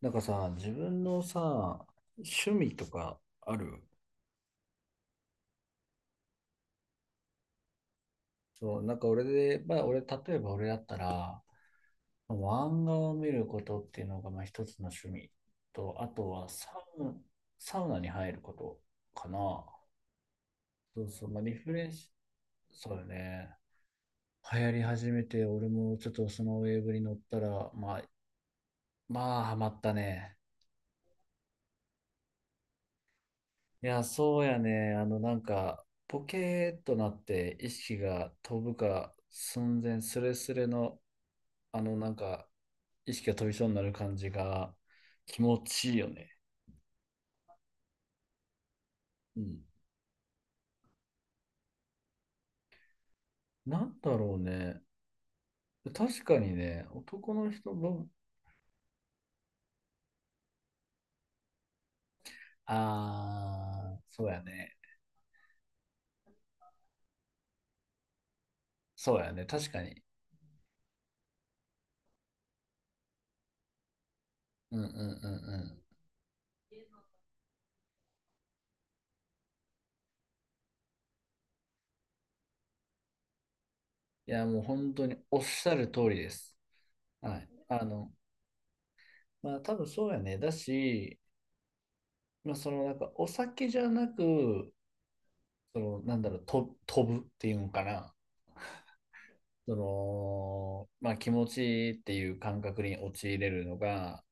なんかさ、自分のさ、趣味とかある？そう、なんか俺で、まあ俺、例えば俺だったら、漫画を見ることっていうのがまあ一つの趣味と、あとはウ、サウナに入ることかな。そうそう、まあリフレッシュ、そうだね。流行り始めて、俺もちょっとそのウェーブに乗ったら、まあ、ハマったね。いや、そうやね。あの、なんか、ポケーっとなって意識が飛ぶか寸前、スレスレの、あの、なんか、意識が飛びそうになる感じが気持ちいいよね。うん。なんだろうね。確かにね、男の人の、ああ、そうやね。そうやね。確かに。うんうんうんうん。いや、もう本当におっしゃる通りです。はい。あの、まあ、多分そうやね。だし、まあ、そのなんかお酒じゃなくその、なんだろう、と飛ぶっていうのかな。その、まあ、気持ちいいっていう感覚に陥れるのが、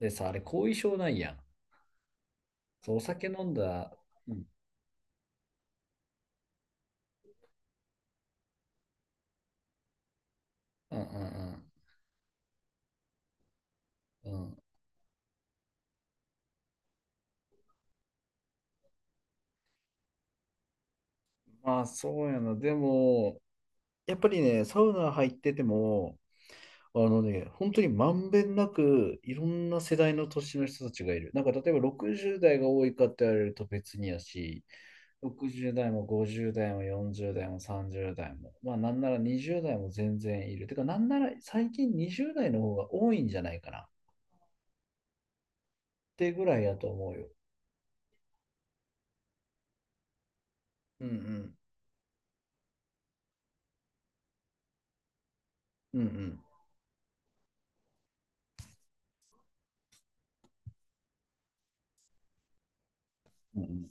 でさ、あれ、後遺症ないやん。そう、お酒飲んだ、うん、うんうんうん。うん。まあ、そうやな。でも、やっぱりね、サウナ入ってても、あのね、本当にまんべんなく、いろんな世代の年の人たちがいる。なんか、例えば60代が多いかって言われると別にやし、60代も50代も40代も30代も、まあなんなら20代も全然いる。てか、なんなら最近20代の方が多いんじゃないかなってぐらいやと思うよ。うんうん。うんうん。うん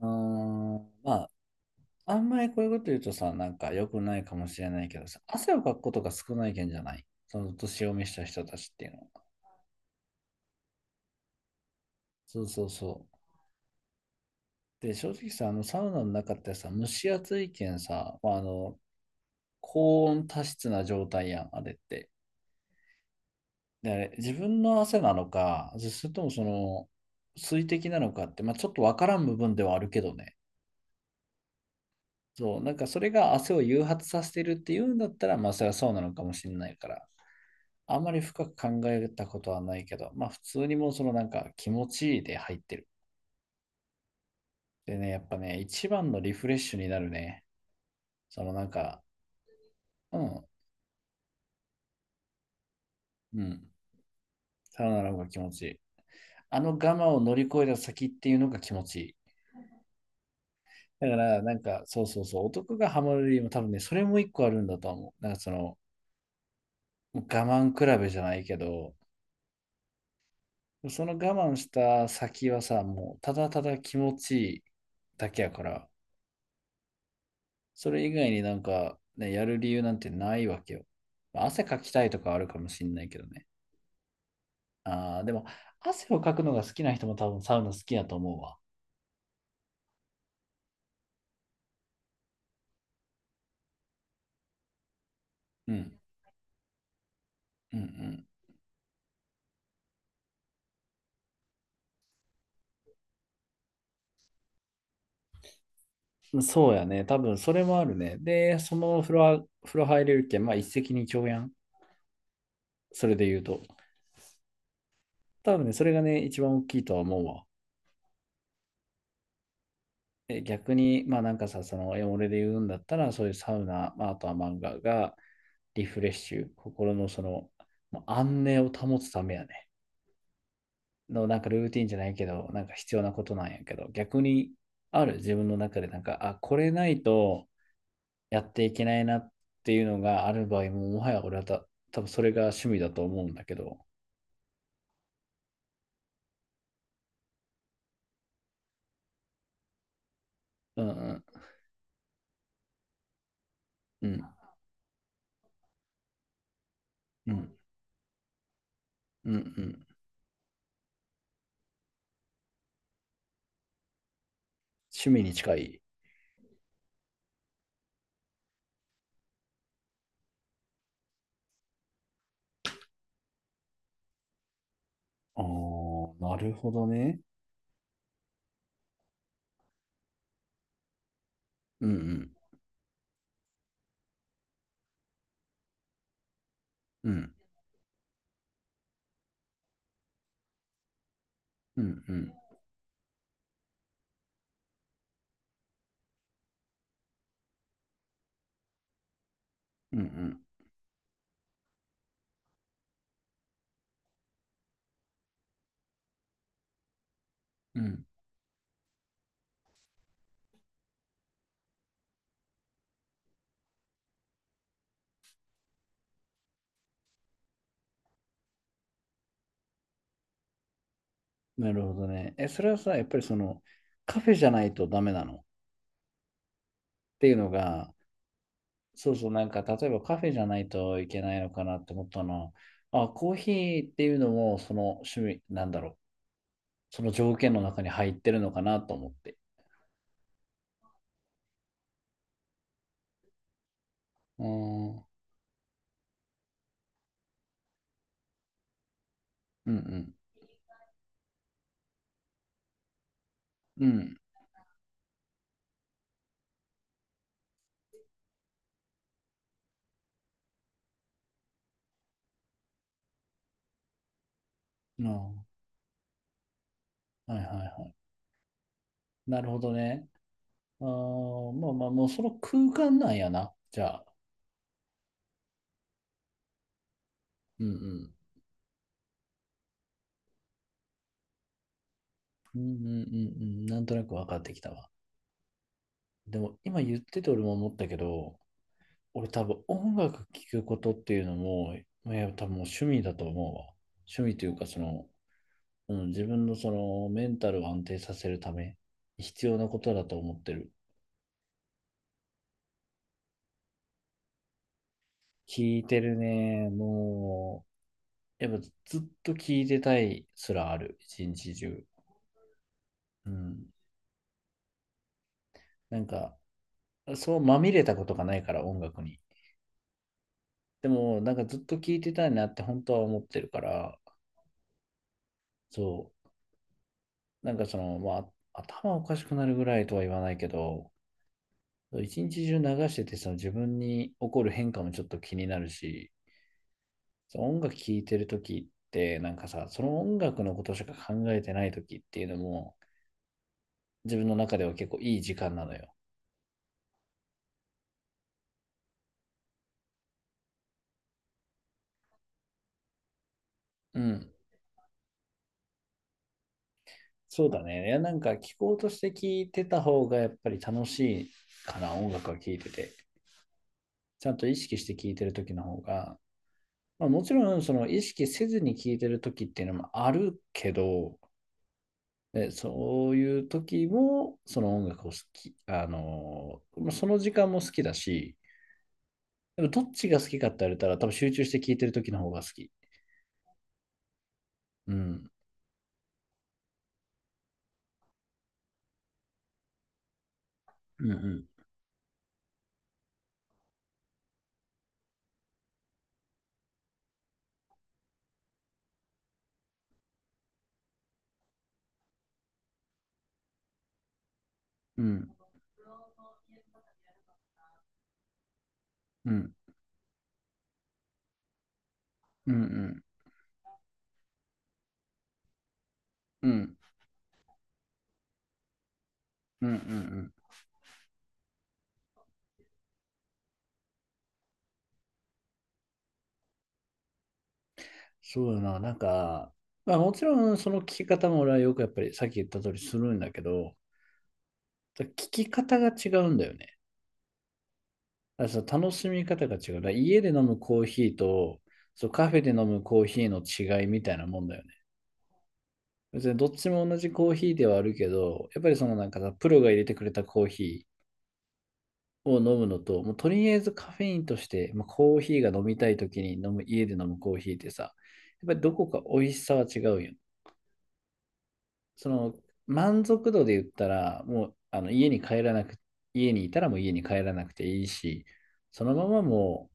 うん。あーまあ、あんまりこういうこと言うとさ、なんか良くないかもしれないけどさ、汗をかくことが少ないけんじゃないその年を召した人たちっていうのは。そうそうそう。で、正直さ、あのサウナの中ってさ、蒸し暑いけんさ、まあ、あの、高温多湿な状態やん、あれって。で、自分の汗なのか、それともその水滴なのかって、まあ、ちょっとわからん部分ではあるけどね。そう、なんかそれが汗を誘発させてるっていうんだったら、まあそれはそうなのかもしれないから、あんまり深く考えたことはないけど、まあ普通にもうそのなんか気持ちいいで入ってる。でね、やっぱね、一番のリフレッシュになるね。そのなんか、うん、うん、サウナの方が気持ちいい。あの我慢を乗り越えた先っていうのが気持ちいい。だから、なんか、そうそうそう、男がハマる理由も多分ね、それも一個あるんだと思う。なんかその、我慢比べじゃないけど、その我慢した先はさ、もうただただ気持ちいいだけやから、それ以外になんか、ね、やる理由なんてないわけよ。まあ汗かきたいとかあるかもしんないけどね。ああ、でも、汗をかくのが好きな人も多分サウナ好きやと思うわ。うん、うん、うん。そうやね。多分それもあるね。で、その風呂は、風呂入れるけん、まあ一石二鳥やん。それで言うと。多分ね、それがね、一番大きいとは思うわ。え、逆に、まあなんかさ、その、俺で言うんだったら、そういうサウナ、まあ、あとは漫画がリフレッシュ、心のその、まあ安寧を保つためやね。の、なんかルーティンじゃないけど、なんか必要なことなんやけど、逆にある自分の中で、なんか、あ、これないとやっていけないなっていうのがある場合も、もはや俺は多分それが趣味だと思うんだけど、うんうん、うん、うん、うん、うん、趣味に近い。ああ、なるほどね。うんうん。うんうんうんうんうん。うん、なるほどね。え、それはさ、やっぱりそのカフェじゃないとダメなのっていうのが、そうそう、なんか例えばカフェじゃないといけないのかなって思ったのは、あ、コーヒーっていうのもその趣味、なんだろう、その条件の中に入ってるのかなと思って。うんうんうん。うん。あ、はいはいはい。なるほどね。あーまあまあ、もうその空間なんやな。じゃあ。うんうん。うんうんうんうん。なんとなく分かってきたわ。でも今言ってて俺も思ったけど、俺多分音楽聴くことっていうのも、まあ、やっぱ多分もう趣味だと思うわ。趣味というかその、うん、自分のそのメンタルを安定させるために必要なことだと思ってる。聴いてるね。もう、やっぱずっと聴いてたいすらある。一日中。うん。なんか、そうまみれたことがないから音楽に。でも、なんかずっと聴いてたいなって本当は思ってるから、そう。なんかその、まあ、頭おかしくなるぐらいとは言わないけど、一日中流してて、その自分に起こる変化もちょっと気になるし、その音楽聴いてる時って、なんかさ、その音楽のことしか考えてない時っていうのも、自分の中では結構いい時間なのよ。うん。そうだね。いや、なんか聞こうとして聞いてた方がやっぱり楽しいかな、音楽は聞いてて。ちゃんと意識して聞いてる時の方が、まあ、もちろんその意識せずに聞いてる時っていうのもあるけど、で、そういう時も、その音楽を好き、あのその時間も好きだし、でもどっちが好きかって言われたら、多分集中して聴いてる時の方が好き。うん。うんうん。うん。うん。うん。うん。うん。うん。うん、そうだな。なんか、まあもちろんその聴き方も俺はよくやっぱりさっき言った通りするんだけど、聴き方が違うんだよね。だから楽しみ方が違う。だから家で飲むコーヒーと、そうカフェで飲むコーヒーの違いみたいなもんだよね。別にどっちも同じコーヒーではあるけど、やっぱりそのなんかさ、プロが入れてくれたコーヒーを飲むのと、もうとりあえずカフェインとして、まあ、コーヒーが飲みたい時に飲む、家で飲むコーヒーってさ、やっぱりどこか美味しさは違うよ。その満足度で言ったら、もうあの家に帰らなく、家にいたらもう家に帰らなくていいし、そのままも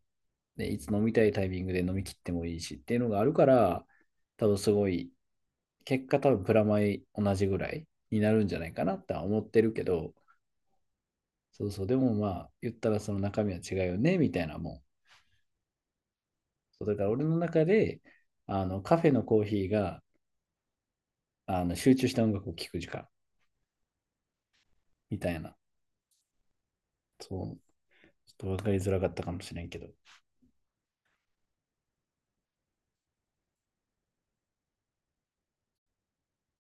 う、ね、いつ飲みたいタイミングで飲み切ってもいいしっていうのがあるから、多分すごい結果多分プラマイ同じぐらいになるんじゃないかなって思ってるけど、そうそう、でもまあ、言ったらその中身は違うよね、みたいなもん。そうだから俺の中で、あの、カフェのコーヒーが、あの、集中した音楽を聴く時間、みたいな。そう、ちょっと分かりづらかったかもしれんけど。